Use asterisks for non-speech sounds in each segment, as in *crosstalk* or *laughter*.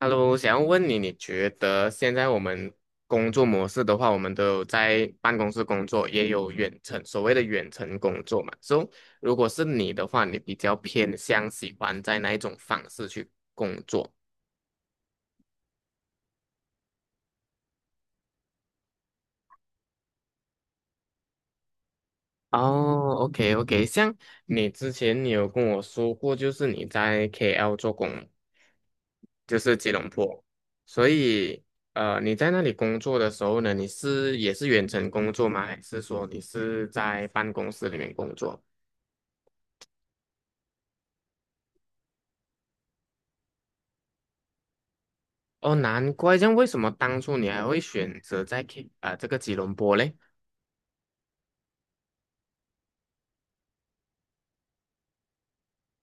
Hello，想要问你，你觉得现在我们工作模式的话，我们都有在办公室工作，也有远程，所谓的远程工作嘛。So，如果是你的话，你比较偏向喜欢在哪一种方式去工作？哦，OK OK，像你之前有跟我说过，就是你在 KL 做工嘛就是吉隆坡，所以你在那里工作的时候呢，也是远程工作吗？还是说你是在办公室里面工作？哦，难怪，这样为什么当初你还会选择在 这个吉隆坡嘞？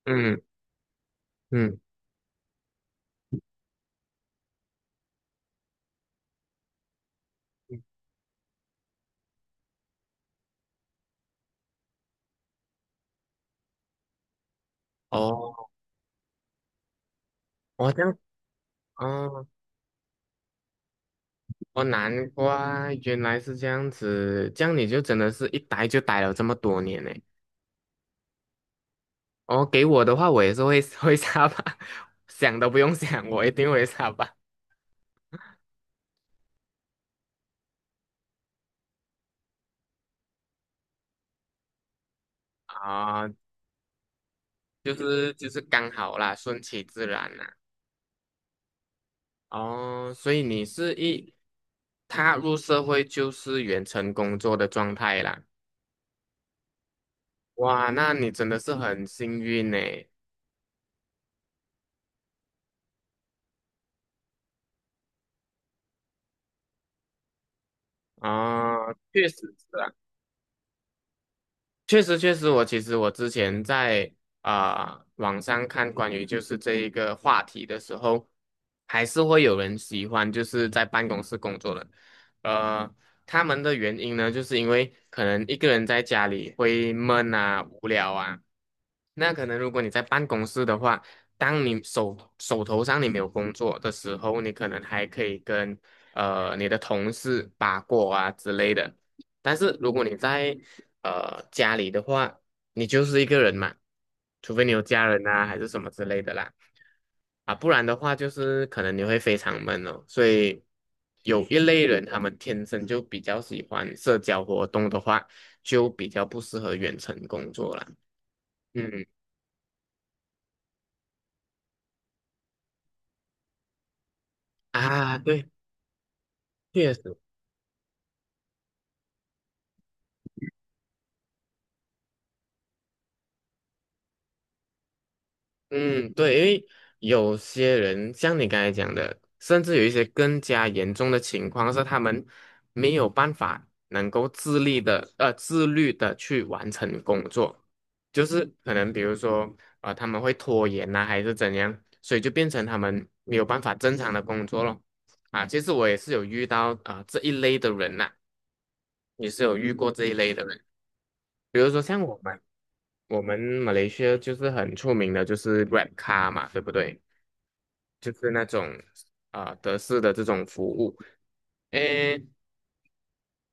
嗯嗯，哦，哦这样，哦哦，难怪原来是这样子，这样你就真的是一待就待了这么多年呢。哦，给我的话，我也是会 *laughs* 会沙巴，*laughs* 想都不用想，我一定会沙巴啊，就是刚好啦，顺其自然啦。哦，所以你是一踏入社会就是远程工作的状态啦。哇，那你真的是很幸运呢。啊，确实是确实，确实，我其实之前在网上看关于就是这一个话题的时候，还是会有人喜欢就是在办公室工作的，呃，他们的原因呢，就是因为可能一个人在家里会闷啊、无聊啊，那可能如果你在办公室的话，当你手头上你没有工作的时候，你可能还可以跟你的同事八卦啊之类的。但是如果你在家里的话，你就是一个人嘛，除非你有家人啊，还是什么之类的啦，啊，不然的话就是可能你会非常闷哦。所以有一类人，他们天生就比较喜欢社交活动的话，就比较不适合远程工作啦。嗯啊，对，确实。嗯，对，因为有些人像你刚才讲的，甚至有一些更加严重的情况是，他们没有办法能够自立的，呃，自律的去完成工作，就是可能比如说，啊，他们会拖延呐、还是怎样，所以就变成他们没有办法正常的工作咯。啊，其实我也是有遇到这一类的人呐、也是有遇过这一类的人，比如说像我们，我们马来西亚就是很出名的，就是 Grab Car 嘛，对不对？就是那种德式的这种服务。诶，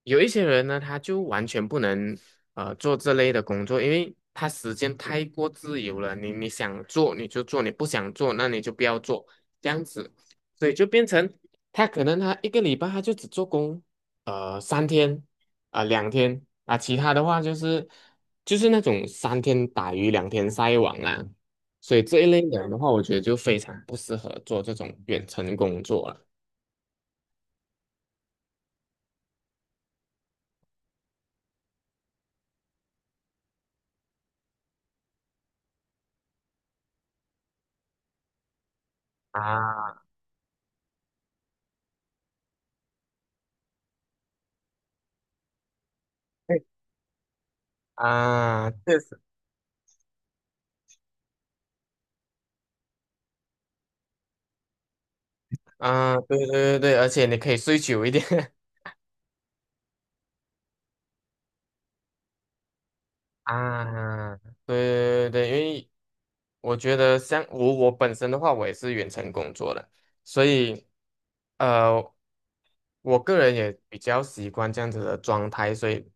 有一些人呢，他就完全不能做这类的工作，因为他时间太过自由了。你想做你就做，你不想做那你就不要做，这样子，所以就变成他可能他一个礼拜他就只做工三天啊、两天啊，其他的话就是那种三天打鱼两天晒网啊，所以这一类人的话，我觉得就非常不适合做这种远程工作了。啊，对啊，啊，对对对对，而且你可以睡久一点 *laughs* 啊，对对对，因为我觉得像我本身的话，我也是远程工作的，所以呃，我个人也比较习惯这样子的状态，所以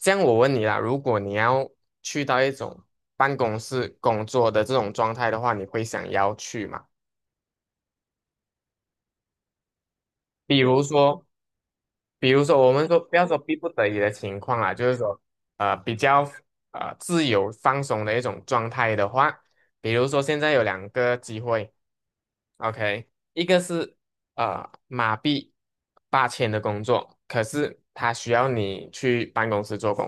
像我问你啦，如果你要去到一种办公室工作的这种状态的话，你会想要去吗？比如说比如说,我们说不要说逼不得已的情况啊，就是说，比较自由放松的一种状态的话，比如说现在有两个机会，OK,一个是马币8000的工作，可是它需要你去办公室做工；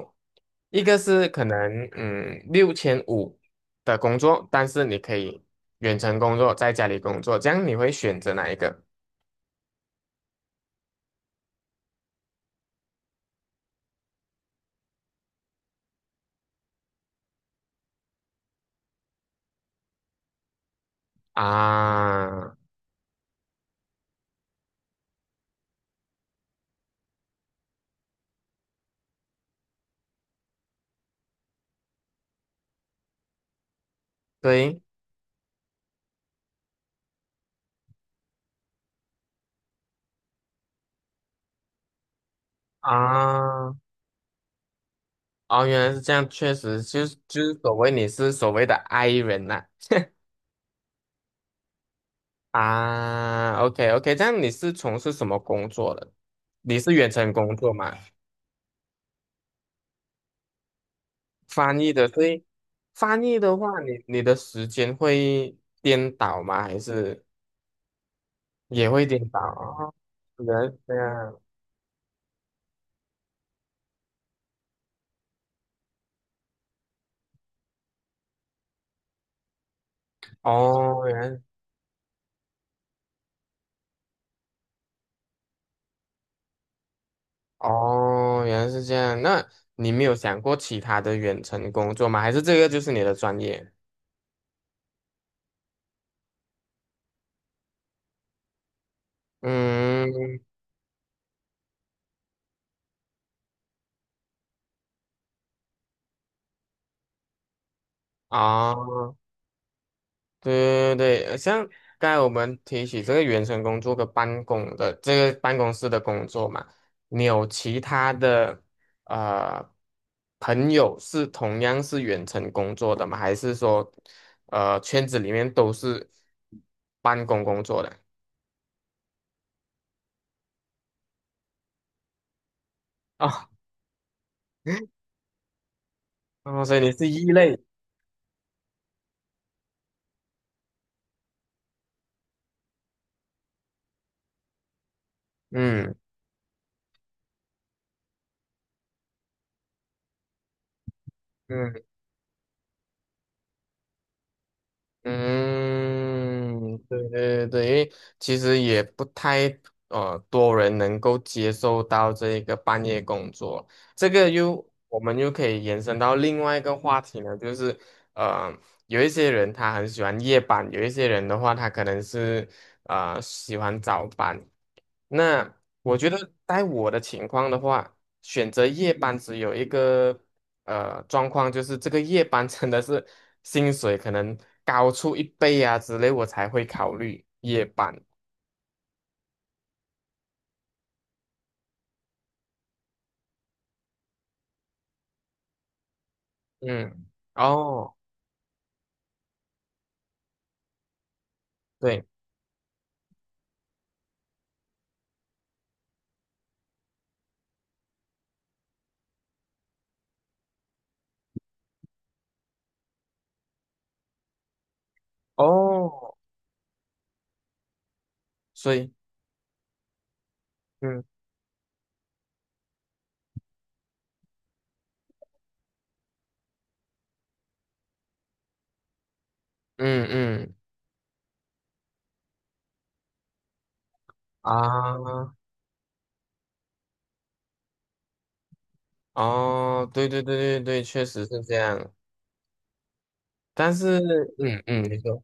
一个是可能6500的工作，但是你可以远程工作，在家里工作，这样你会选择哪一个啊？对。啊，哦，原来是这样，确实就是你是所谓的 I 人呐、啊。OK OK,这样你是从事什么工作的？你是远程工作吗？翻译的，所以翻译的话，你的时间会颠倒吗？还是也会颠倒？哦，原来是这样，哦，原来哦原来是这样。那你没有想过其他的远程工作吗？还是这个就是你的专业？嗯。啊。对对对，像刚才我们提起这个远程工作跟办公的这个办公室的工作嘛，你有其他的呃朋友是同样是远程工作的吗？还是说圈子里面都是办公工作的？哦，*laughs* 哦，所以你是异类，嗯嗯。嗯，对对对，因为其实也不太多人能够接受到这一个半夜工作，这个又我们又可以延伸到另外一个话题呢，就是呃有一些人他很喜欢夜班，有一些人的话他可能是喜欢早班。那我觉得在我的情况的话，选择夜班只有一个状况，就是这个夜班真的是薪水可能高出一倍啊之类，我才会考虑夜班。嗯，哦，对，哦，所以，嗯嗯嗯啊，哦，对对对对对，确实是这样。但是，嗯嗯，没错，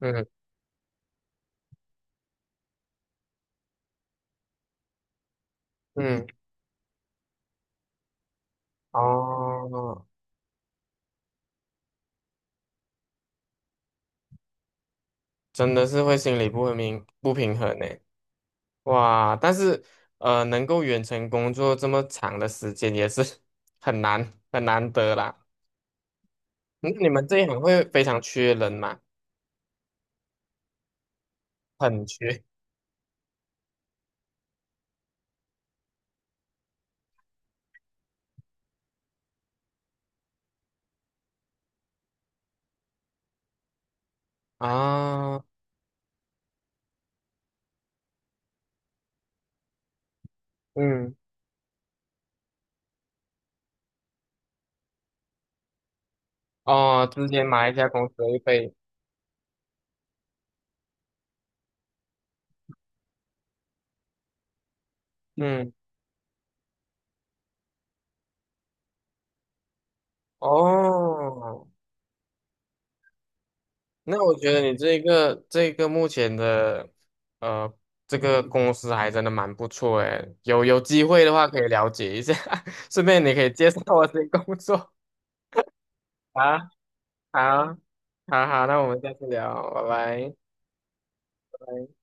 嗯嗯，哦，真的是会心理不平衡呢。哇，但是能够远程工作这么长的时间也是 *laughs* 很难得啦。那你们这一行会非常缺人吗？很缺啊，嗯，哦，之前马一家公司会被，嗯，哦，那我觉得你这个目前的呃这个公司还真的蛮不错诶，有机会的话可以了解一下，*laughs* 顺便你可以介绍我这个工作啊。好，好好，那我们下次聊，拜拜。拜